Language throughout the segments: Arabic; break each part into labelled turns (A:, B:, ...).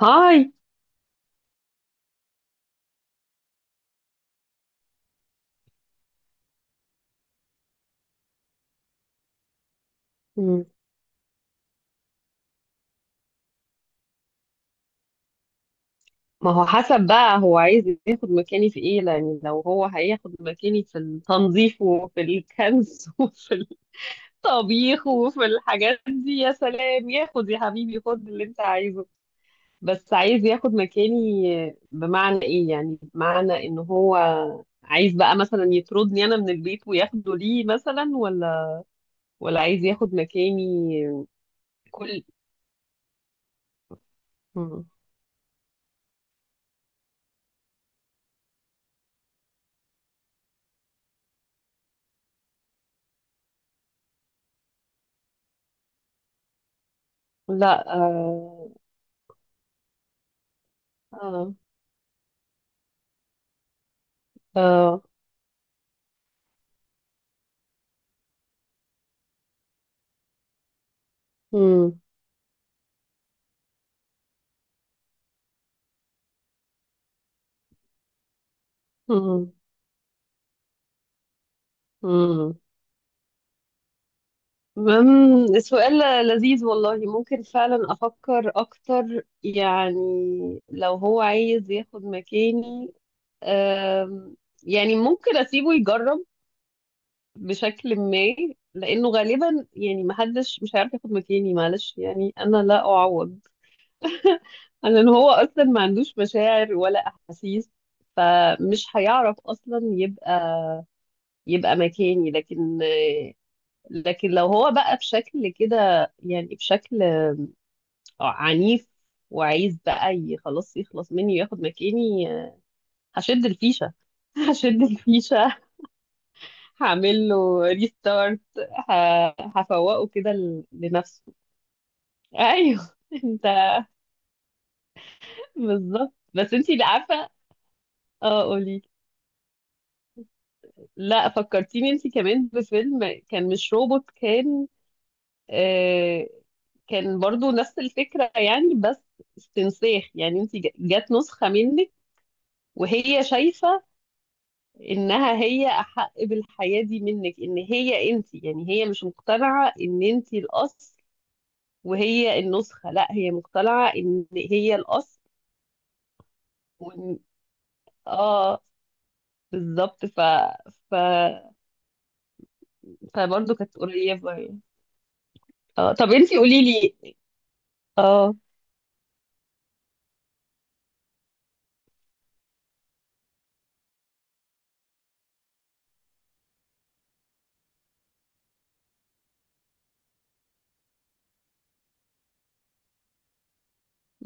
A: هاي. مم. ما هو حسب بقى، هو عايز ياخد مكاني في ايه؟ يعني لو هو هياخد مكاني في التنظيف وفي الكنس وفي الطبيخ وفي الحاجات دي، يا سلام، ياخد يا حبيبي، خد اللي انت عايزه. بس عايز ياخد مكاني بمعنى ايه؟ يعني بمعنى ان هو عايز بقى مثلا يطردني انا من البيت وياخده، ليه مثلا؟ ولا عايز ياخد مكاني؟ كل. مم. لا، آه. آه. آه. مم. مم. مم. مم. سؤال لذيذ والله، ممكن فعلا أفكر أكتر. يعني لو هو عايز ياخد مكاني، أم، يعني ممكن أسيبه يجرب بشكل ما، لأنه غالبا يعني محدش مش هيعرف ياخد مكاني، معلش يعني أنا لا أعوض لأن هو أصلا ما عندوش مشاعر ولا أحاسيس، فمش هيعرف أصلا يبقى مكاني. لكن لو هو بقى بشكل كده، يعني بشكل عنيف، وعايز بقى خلاص يخلص مني وياخد مكاني، آه، هشد الفيشة. هشد الفيشة، هعمل له ريستارت، هفوقه كده لنفسه. ايوه. انت بالظبط، بس انت اللي عارفة. اه قولي. لا، فكرتيني انت كمان بفيلم، كان مش روبوت، كان آه، كان برضو نفس الفكرة يعني، بس استنساخ. يعني انت جت نسخة منك وهي شايفة إنها هي أحق بالحياة دي منك، إن هي أنت. يعني هي مش مقتنعة إن أنت الأصل وهي النسخة، لا، هي مقتنعة إن هي الأصل. وإن آه، بالظبط. ف... فبرضه كانت قريبة يعني. آه، طب أنت قولي لي. آه.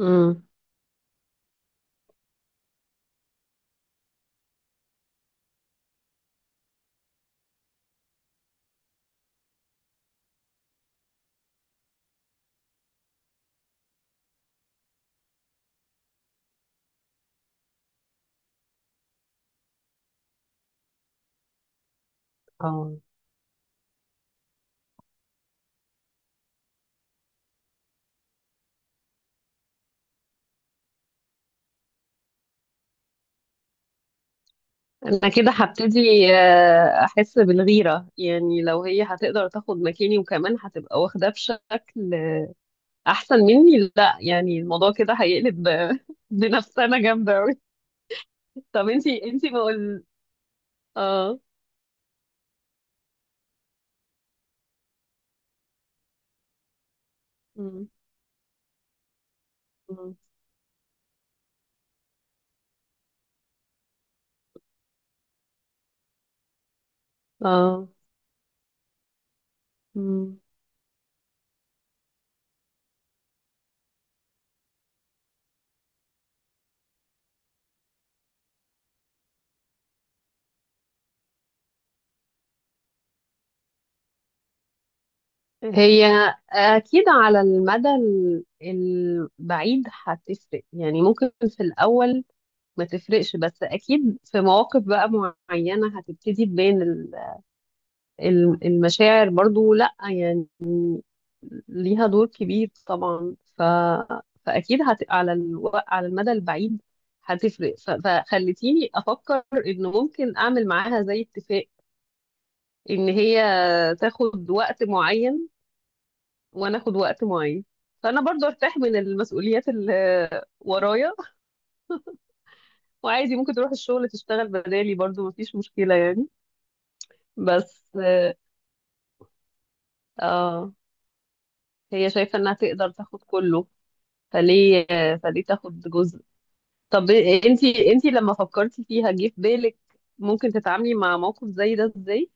A: امم. آه. أنا كده هبتدي، آه، أحس بالغيرة. يعني لو هي هتقدر تاخد مكاني وكمان هتبقى واخداه بشكل احسن مني، لا، يعني الموضوع كده هيقلب بنفسنا جامده قوي. طب انتي ما قول. اه. مم. مم. اه. مم. هي اكيد على المدى البعيد هتفرق. يعني ممكن في الاول ما تفرقش، بس اكيد في مواقف بقى معينه هتبتدي تبان المشاعر، برضو لا يعني ليها دور كبير طبعا. فاكيد على على المدى البعيد هتفرق. فخلتيني افكر ان ممكن اعمل معاها زي اتفاق، ان هي تاخد وقت معين وانا اخد وقت معين، فانا برضو ارتاح من المسؤوليات اللي ورايا. وعادي ممكن تروح الشغل تشتغل بدالي، برضو مفيش مشكلة يعني. بس اه، هي شايفة انها تقدر تاخد كله. فليه فليه تاخد جزء؟ طب إيه، انتي لما فكرتي فيها جه في بالك ممكن تتعاملي مع موقف زي ده ازاي؟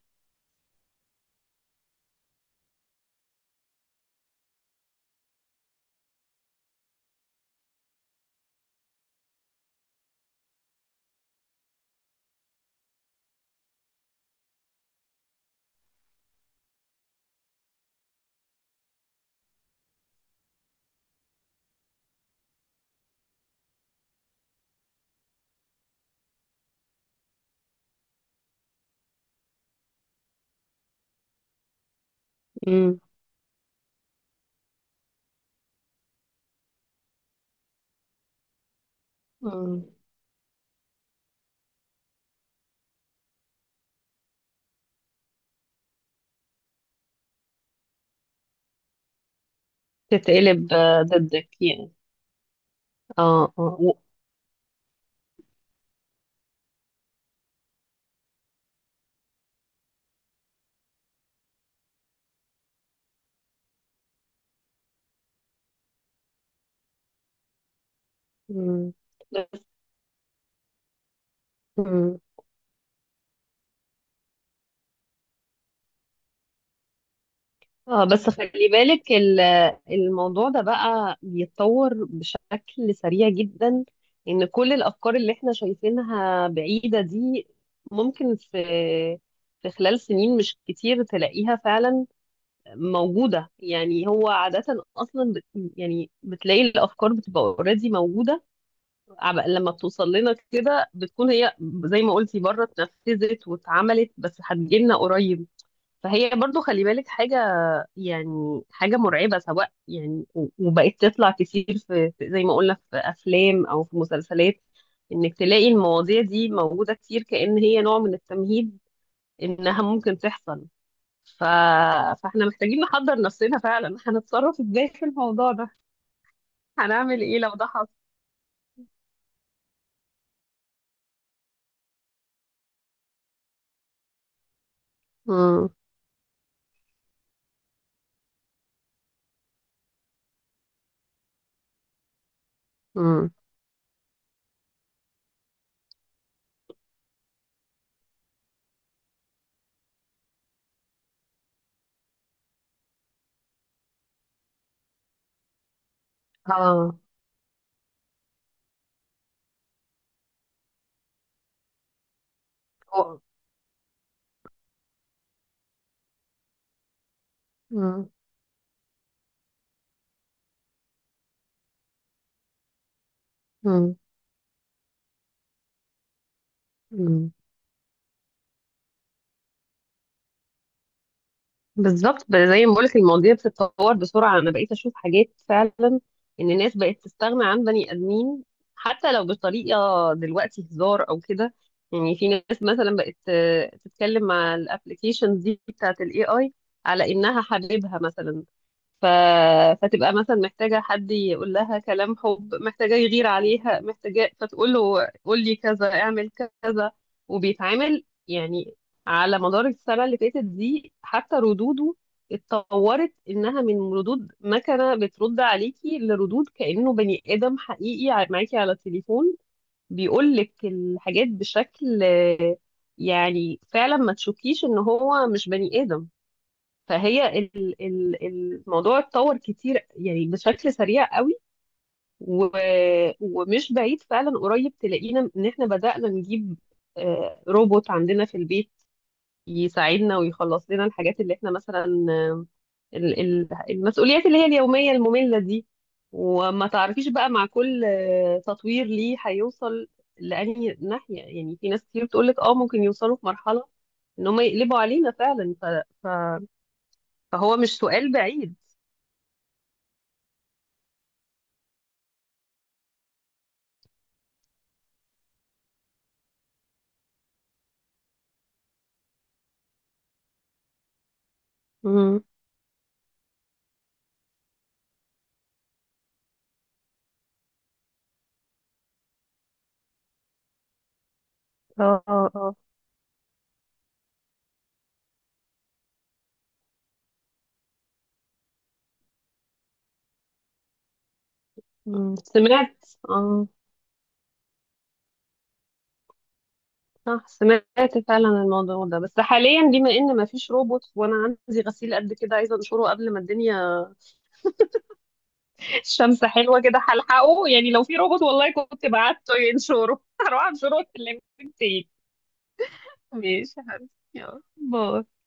A: مم. مم. تتقلب آه، ضدك يعني. اه، اه، مم. بس. مم. اه، بس خلي بالك الموضوع ده بقى بيتطور بشكل سريع جدا، ان كل الافكار اللي احنا شايفينها بعيدة دي ممكن في خلال سنين مش كتير تلاقيها فعلا موجودة. يعني هو عادة أصلا يعني بتلاقي الأفكار بتبقى اوريدي موجودة. لما بتوصل لنا كده بتكون هي زي ما قلتي، بره اتنفذت واتعملت، بس هتجيلنا قريب. فهي برضو خلي بالك، حاجة يعني حاجة مرعبة سواء يعني وبقت تطلع كتير في زي ما قلنا في أفلام أو في مسلسلات، إنك تلاقي المواضيع دي موجودة كتير، كأن هي نوع من التمهيد إنها ممكن تحصل. ف... فاحنا محتاجين نحضر نفسنا فعلا هنتصرف ازاي في الموضوع ده، هنعمل ايه لو ده حصل. مم. مم. اه. هو- مم. مم. مم. بالظبط زي ما بقولك المواضيع بتتطور بسرعة. أنا بقيت أشوف حاجات فعلا إن الناس بقت تستغنى عن بني آدمين، حتى لو بطريقة دلوقتي هزار أو كده. يعني في ناس مثلا بقت آه، تتكلم مع الابلكيشنز دي بتاعة ال AI على إنها حبيبها مثلا. ف... فتبقى مثلا محتاجة حد يقول لها كلام حب، محتاجة يغير عليها، محتاجة، فتقول له قول لي كذا، اعمل كذا. وبيتعامل يعني، على مدار السنة اللي فاتت دي حتى ردوده اتطورت إنها من ردود مكنة بترد عليكي لردود كأنه بني آدم حقيقي معاكي على التليفون، بيقولك الحاجات بشكل آه، يعني فعلا ما تشوفيش إن هو مش بني آدم. فهي الموضوع اتطور كتير يعني بشكل سريع قوي و- ومش بعيد فعلا قريب تلاقينا إن إحنا بدأنا نجيب آه، روبوت عندنا في البيت يساعدنا ويخلص لنا الحاجات اللي احنا مثلا آه، المسؤوليات اللي هي اليومية المملة دي. وما تعرفيش بقى مع كل آه، تطوير ليه هيوصل لأنهي ناحية. يعني في ناس كتير بتقولك اه ممكن يوصلوا في مرحلة ان هم يقلبوا علينا فعلا. ف... فهو مش سؤال بعيد. مم. اه. اه. اه. مم. سمعت اه، صح، سمعت فعلا الموضوع ده. بس حاليا بما ان ما فيش روبوت وانا عندي غسيل قد كده عايزه انشره قبل ما الدنيا، الشمس حلوه كده هلحقه، يعني لو في روبوت والله كنت بعته ينشره. هروح انشره واكلمك تاني. ماشي يا حبيبي، يلا باي.